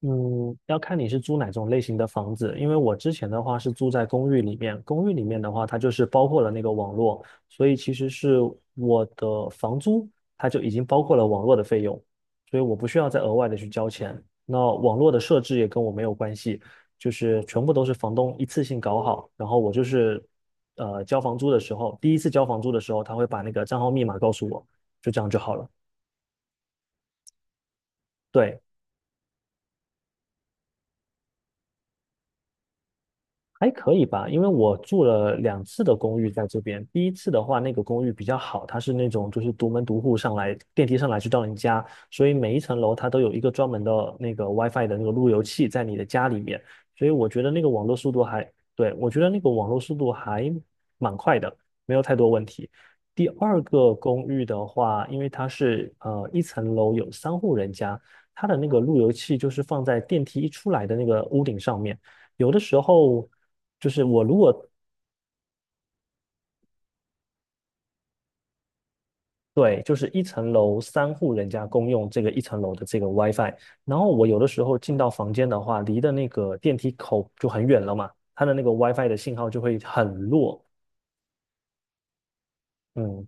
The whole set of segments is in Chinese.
嗯，要看你是租哪种类型的房子，因为我之前的话是住在公寓里面。公寓里面的话，它就是包括了那个网络，所以其实是我的房租它就已经包括了网络的费用，所以我不需要再额外的去交钱。那网络的设置也跟我没有关系，就是全部都是房东一次性搞好。然后我就是交房租的时候，第一次交房租的时候，他会把那个账号密码告诉我，就这样就好了。对。还可以吧，因为我住了2次的公寓在这边。第一次的话，那个公寓比较好，它是那种就是独门独户上来，电梯上来就到你家，所以每一层楼它都有一个专门的那个 WiFi 的那个路由器在你的家里面，所以我觉得那个网络速度还，对，我觉得那个网络速度还蛮快的，没有太多问题。第二个公寓的话，因为它是一层楼有三户人家，它的那个路由器就是放在电梯一出来的那个屋顶上面。有的时候就是我如果对，就是一层楼三户人家公用这个一层楼的这个 WiFi。然后我有的时候进到房间的话，离的那个电梯口就很远了嘛，它的那个 WiFi 的信号就会很弱。嗯，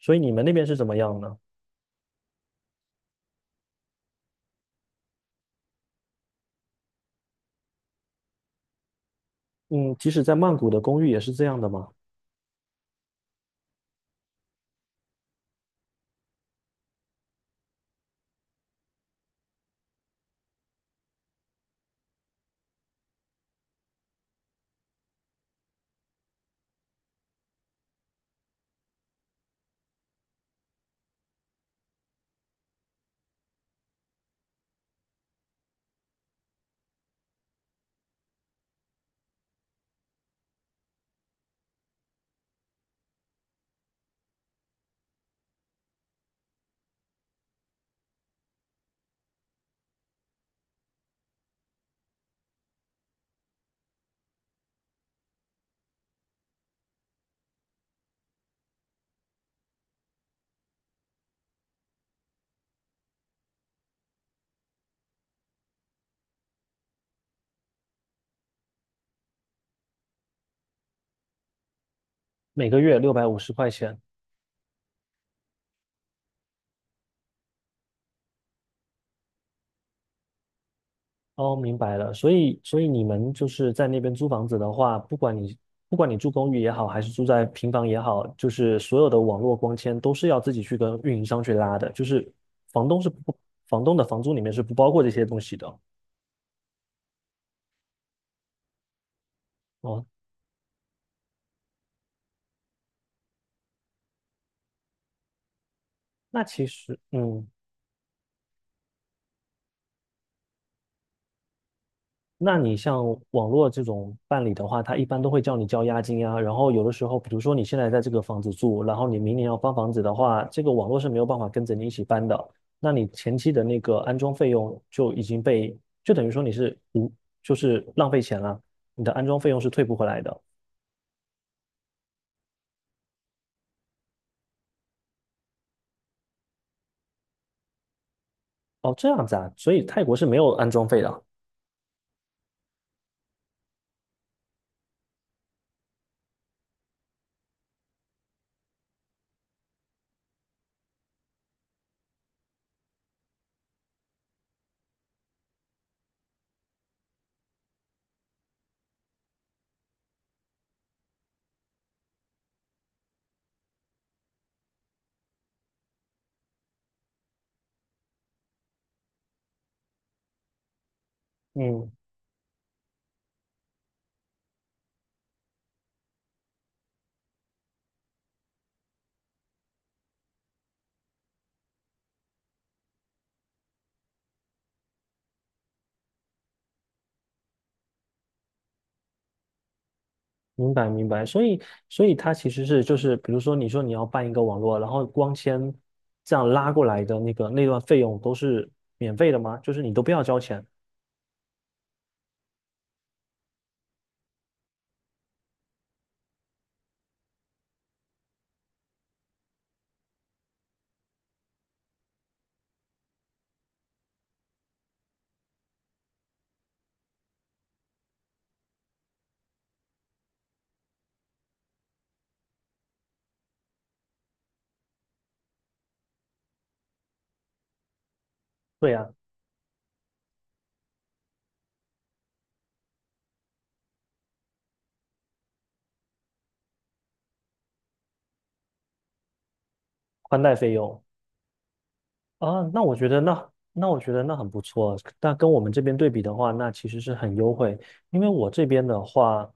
所以你们那边是怎么样呢？嗯，即使在曼谷的公寓也是这样的吗？每个月650块钱。哦，明白了。所以，所以你们就是在那边租房子的话，不管你住公寓也好，还是住在平房也好，就是所有的网络光纤都是要自己去跟运营商去拉的。就是房东是不，房东的房租里面是不包括这些东西的。哦，那其实，嗯。那你像网络这种办理的话，他一般都会叫你交押金呀。然后有的时候，比如说你现在在这个房子住，然后你明年要搬房子的话，这个网络是没有办法跟着你一起搬的。那你前期的那个安装费用就已经被，就等于说你是无，就是浪费钱了，你的安装费用是退不回来的。哦，这样子啊，所以泰国是没有安装费的啊。嗯明白明白。所以它其实是就是，比如说你说你要办一个网络，然后光纤这样拉过来的那个那段费用都是免费的吗？就是你都不要交钱？对呀，宽带费用。啊，那我觉得那很不错。但跟我们这边对比的话，那其实是很优惠。因为我这边的话，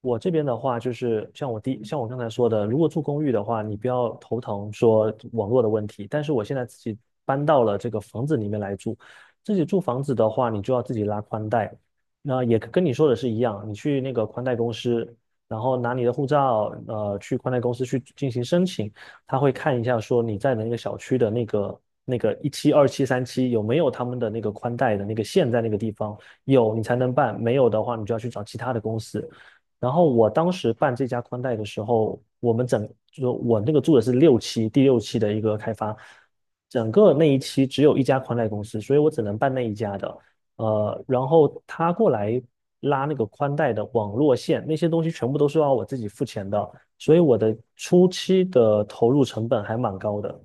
我这边的话就是像像我刚才说的，如果住公寓的话，你不要头疼说网络的问题。但是我现在自己搬到了这个房子里面来住，自己住房子的话，你就要自己拉宽带。那也跟你说的是一样，你去那个宽带公司，然后拿你的护照，去宽带公司去进行申请。他会看一下说你在的那个小区的那个一期、二期、三期有没有他们的那个宽带的那个线在那个地方，有你才能办，没有的话你就要去找其他的公司。然后我当时办这家宽带的时候，我们整就我那个住的是六期，第六期的一个开发，整个那一期只有一家宽带公司，所以我只能办那一家的。然后他过来拉那个宽带的网络线，那些东西全部都是要我自己付钱的。所以我的初期的投入成本还蛮高的。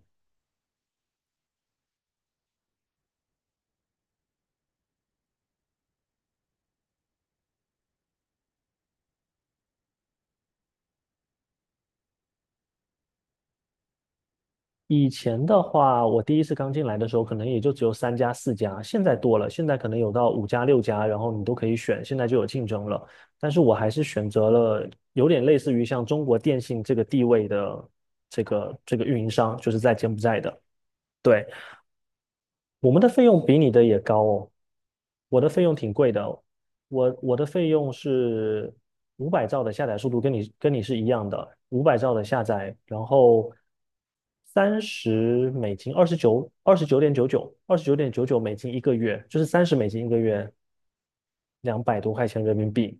以前的话，我第一次刚进来的时候，可能也就只有3家、4家，现在多了，现在可能有到5家、6家，然后你都可以选，现在就有竞争了。但是我还是选择了有点类似于像中国电信这个地位的这个运营商，就是在柬埔寨的。对，我们的费用比你的也高哦，我的费用挺贵的哦。我的费用是五百兆的下载速度跟你是一样的。五百兆的下载，然后三十美金，二十九点九九，29.99美金一个月，就是三十美金一个月，200多块钱人民币。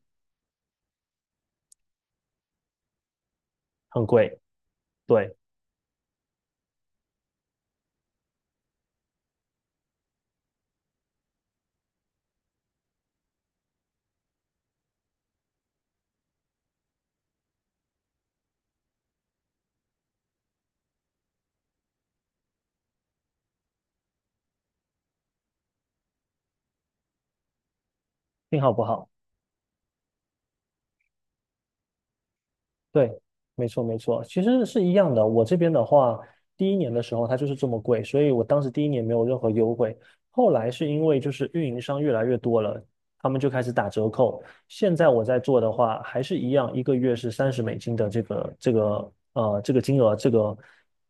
很贵。对，信号不好？对，没错没错，其实是一样的。我这边的话，第一年的时候它就是这么贵，所以我当时第一年没有任何优惠。后来是因为就是运营商越来越多了，他们就开始打折扣。现在我在做的话，还是一样，一个月是三十美金的这个金额，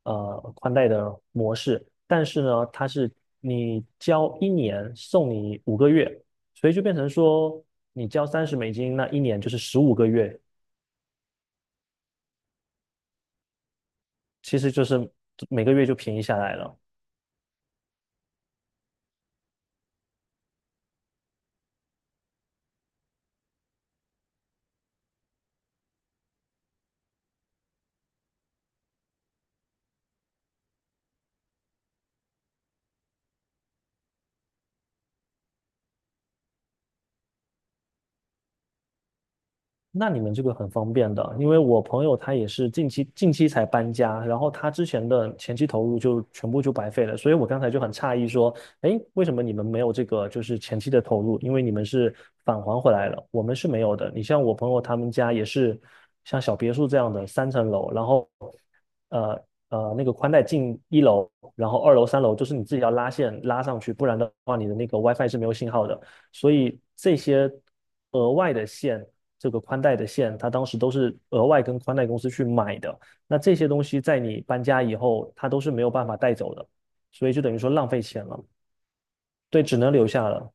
宽带的模式，但是呢，它是你交一年送你五个月，所以就变成说你交三十美金，那一年就是15个月，其实就是每个月就便宜下来了。那你们这个很方便的，因为我朋友他也是近期才搬家。然后他之前的前期投入就全部就白费了，所以我刚才就很诧异说，哎，为什么你们没有这个就是前期的投入？因为你们是返还回来了，我们是没有的。你像我朋友他们家也是像小别墅这样的3层楼，然后呃那个宽带进一楼，然后二楼三楼就是你自己要拉线拉上去，不然的话你的那个 WiFi 是没有信号的，所以这些额外的线。这个宽带的线，它当时都是额外跟宽带公司去买的。那这些东西在你搬家以后，它都是没有办法带走的，所以就等于说浪费钱了。对，只能留下了。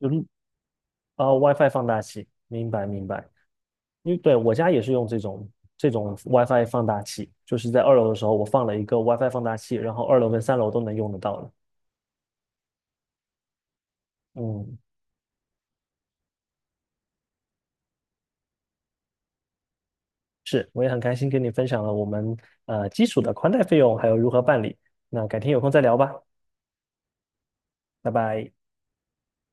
就WiFi 放大器，明白明白。因为对，我家也是用这种 WiFi 放大器，就是在二楼的时候我放了一个 WiFi 放大器，然后二楼跟三楼都能用得到了。嗯，是。我也很开心跟你分享了我们基础的宽带费用还有如何办理。那改天有空再聊吧，拜拜。